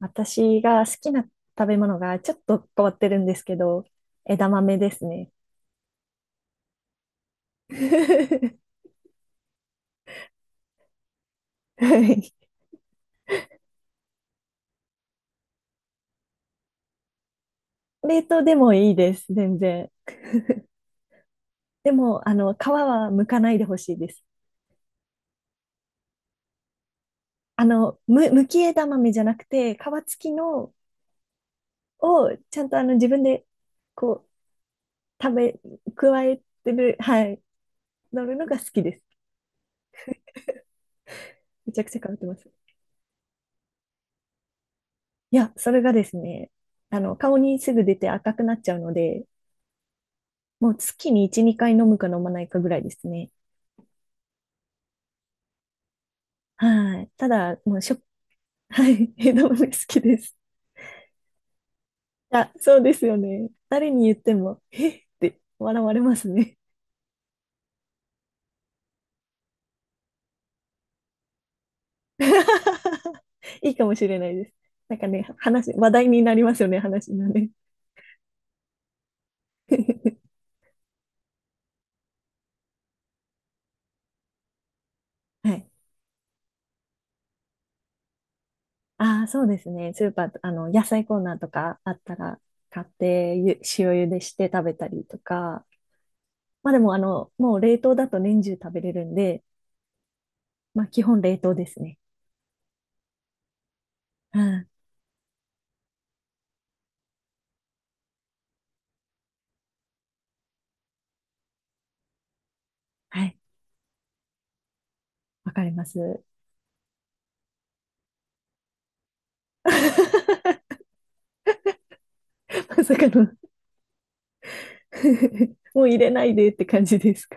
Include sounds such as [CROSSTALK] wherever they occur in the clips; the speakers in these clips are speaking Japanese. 私が好きな食べ物がちょっと変わってるんですけど、枝豆ですね。[LAUGHS] はい。冷凍でもいいです、全然。でも、皮は剥かないでほしいです。剥き枝豆じゃなくて、皮付きのをちゃんと自分でこう、加えてる、はい、乗るのが好きです。めちゃくちゃ変わってます。いや、それがですね、顔にすぐ出て赤くなっちゃうので、もう月に1、2回飲むか飲まないかぐらいですね。はい。ただ、もうしょ、[LAUGHS] はい。[LAUGHS] 枝豆好きです。あ、そうですよね。誰に言っても、えって笑われますね。[LAUGHS] いいかもしれないです。なんかね、話題になりますよね、話がね。[LAUGHS] はい。ああ、そうですね。スーパー、野菜コーナーとかあったら、買ってゆ、塩茹でして食べたりとか。まあでも、もう冷凍だと年中食べれるんで、まあ基本冷凍ですね。うん。はい。わかります。[LAUGHS] [LAUGHS] まさかの [LAUGHS] もう入れないでって感じですか？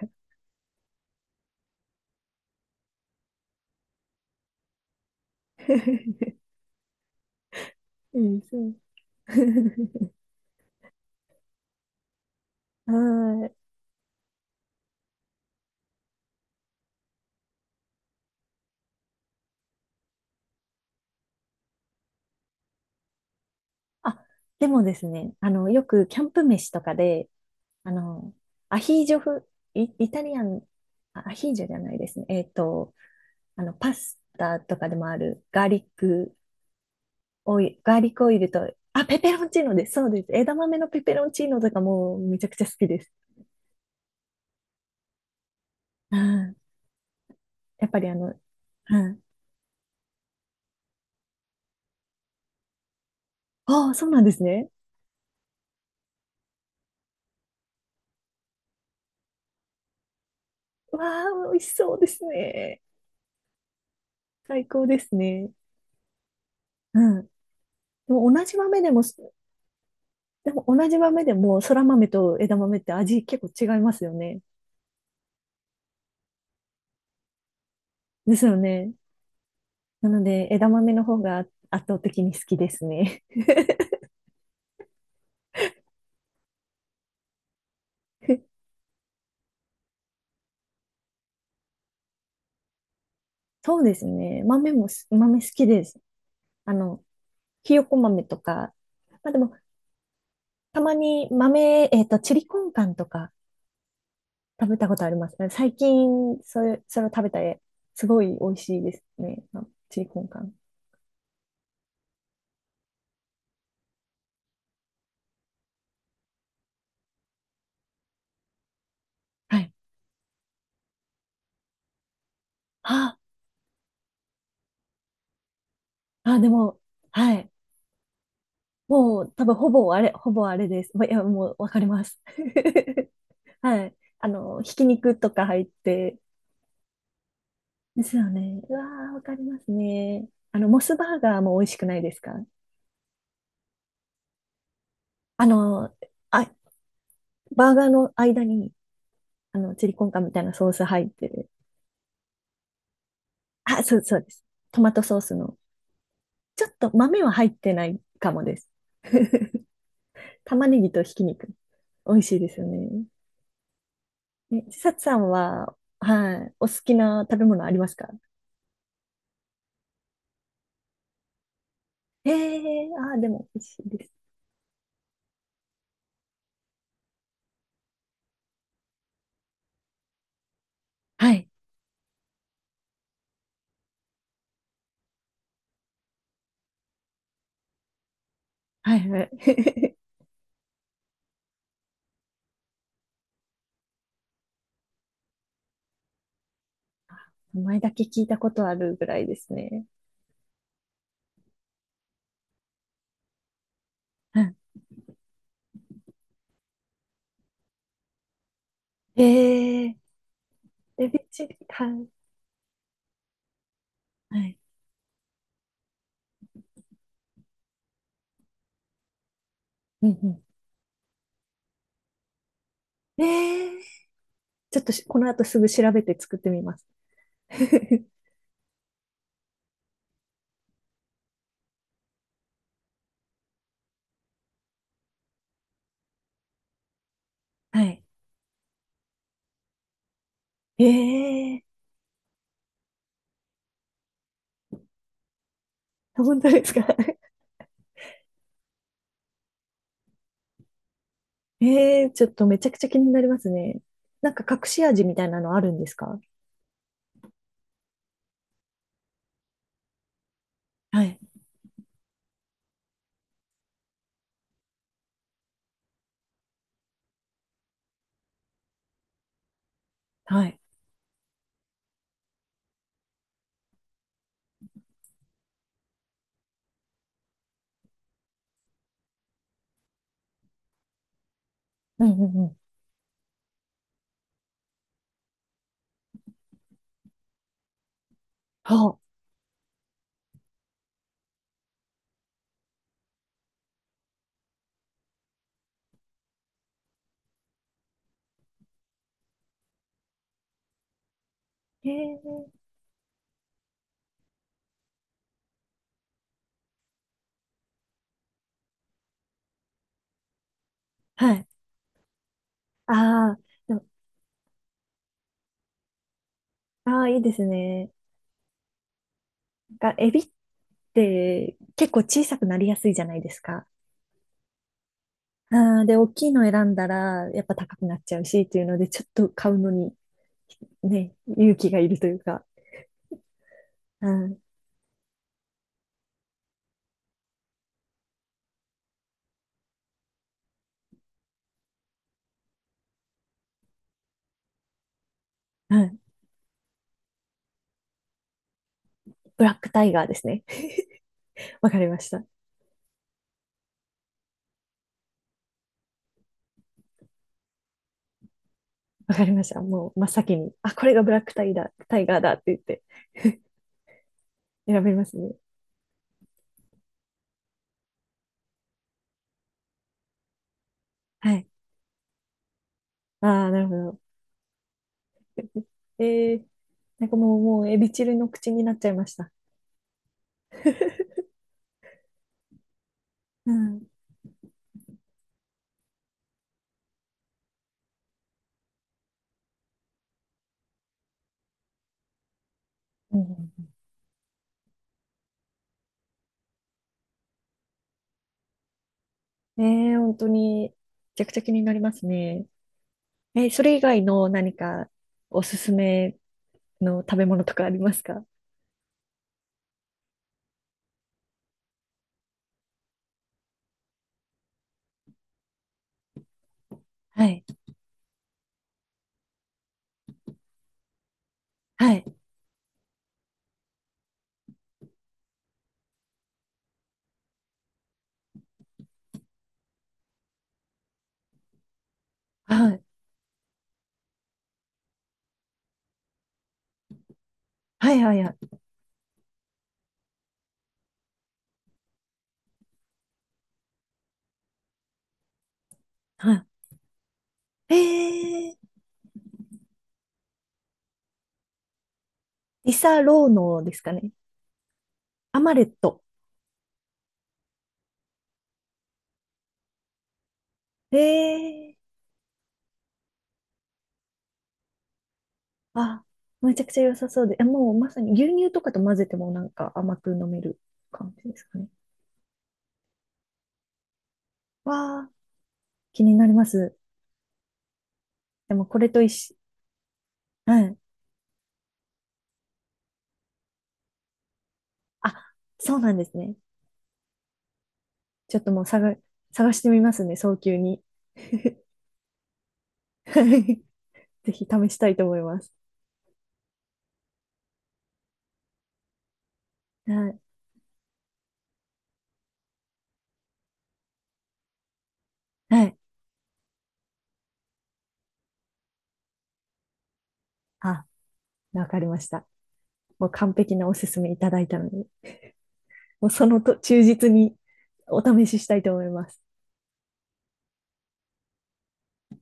[LAUGHS] うん、[LAUGHS] そう。[LAUGHS] はーい。あ、でもですね、よくキャンプ飯とかで、あの、アヒージョ風、イタリアン、アヒージョじゃないですね。パスタとかでもあるガーリックオイルと、あ、ペペロンチーノです。そうです。枝豆のペペロンチーノとかもうめちゃくちゃ好きです。うん、やっぱりうん。ああ、そうなんですね。わあ、美味しそうですね。最高ですね。うん。でも同じ豆でも、でも同じ豆でも、そら豆と枝豆って味結構違いますよね。ですよね。なので、枝豆の方が圧倒的に好きですね。[LAUGHS] そうですね。豆好きです。あの、ひよこ豆とか、まあでも、たまに豆、チリコンカンとか食べたことありますね。最近、それを食べたら、すごい美味しいですね。あチリコンカン。はい。ああ、でも、はい。もう、多分、ほぼあれです。まいや、もう、わかります。[LAUGHS] はい。ひき肉とか入って。ですよね。うわー、わかりますね。モスバーガーも美味しくないですか？あの、あ、バーガーの間に、チリコンカンみたいなソース入ってる。あ、そう、そうです。トマトソースの。ちょっと豆は入ってないかもです。[LAUGHS] 玉ねぎとひき肉。美味しいですよね。ね、ちささんは、はい、お好きな食べ物ありますか？ええーああー、でも美味しいです。はい、はい、はい。[LAUGHS] 名前だけ聞いたことあるぐらいですね。うん、ええーエビチリ、はい。はい。うんうん。ええーちょっとこの後すぐ調べて作ってみます。[LAUGHS] はい。ええー本当ですか？ [LAUGHS] ええーちょっとめちゃくちゃ気になりますね。なんか隠し味みたいなのあるんですか？はい、はい。うんうんうん。はあ。ええーはい。ああ、でも、ああ、いいですね。が、エビって結構小さくなりやすいじゃないですか。ああ、で、大きいの選んだら、やっぱ高くなっちゃうし、っていうので、ちょっと買うのに、ね、勇気がいるというか。うん、うん。ブラックタイガーですね。[LAUGHS] わかりました。わかりました。もう真っ先に、あ、これがブラックタイだ、タイガーだって言って選べますね。はい。ああ、なるほど。えー、なんかもう、エビチリの口になっちゃいました。[LAUGHS] うん。うん、ねえ、本当に、めちゃくちゃ気になりますね。え、それ以外の何かおすすめの食べ物とかありますか？はい。はい。はい。はい。はい。はいはい。えー、リサローノですかね。アマレット。ええあ、めちゃくちゃ良さそうで、もうまさに牛乳とかと混ぜてもなんか甘く飲める感じですかね。わあ、気になります。でもこれと一緒、うん。あ、そうなんですね。ちょっともう探してみますね、早急に。[LAUGHS] はい。ぜひ試したいと思います。はい。はい。あ、わかりました。もう完璧なおすすめいただいたので、もうそのと忠実にお試ししたいと思います。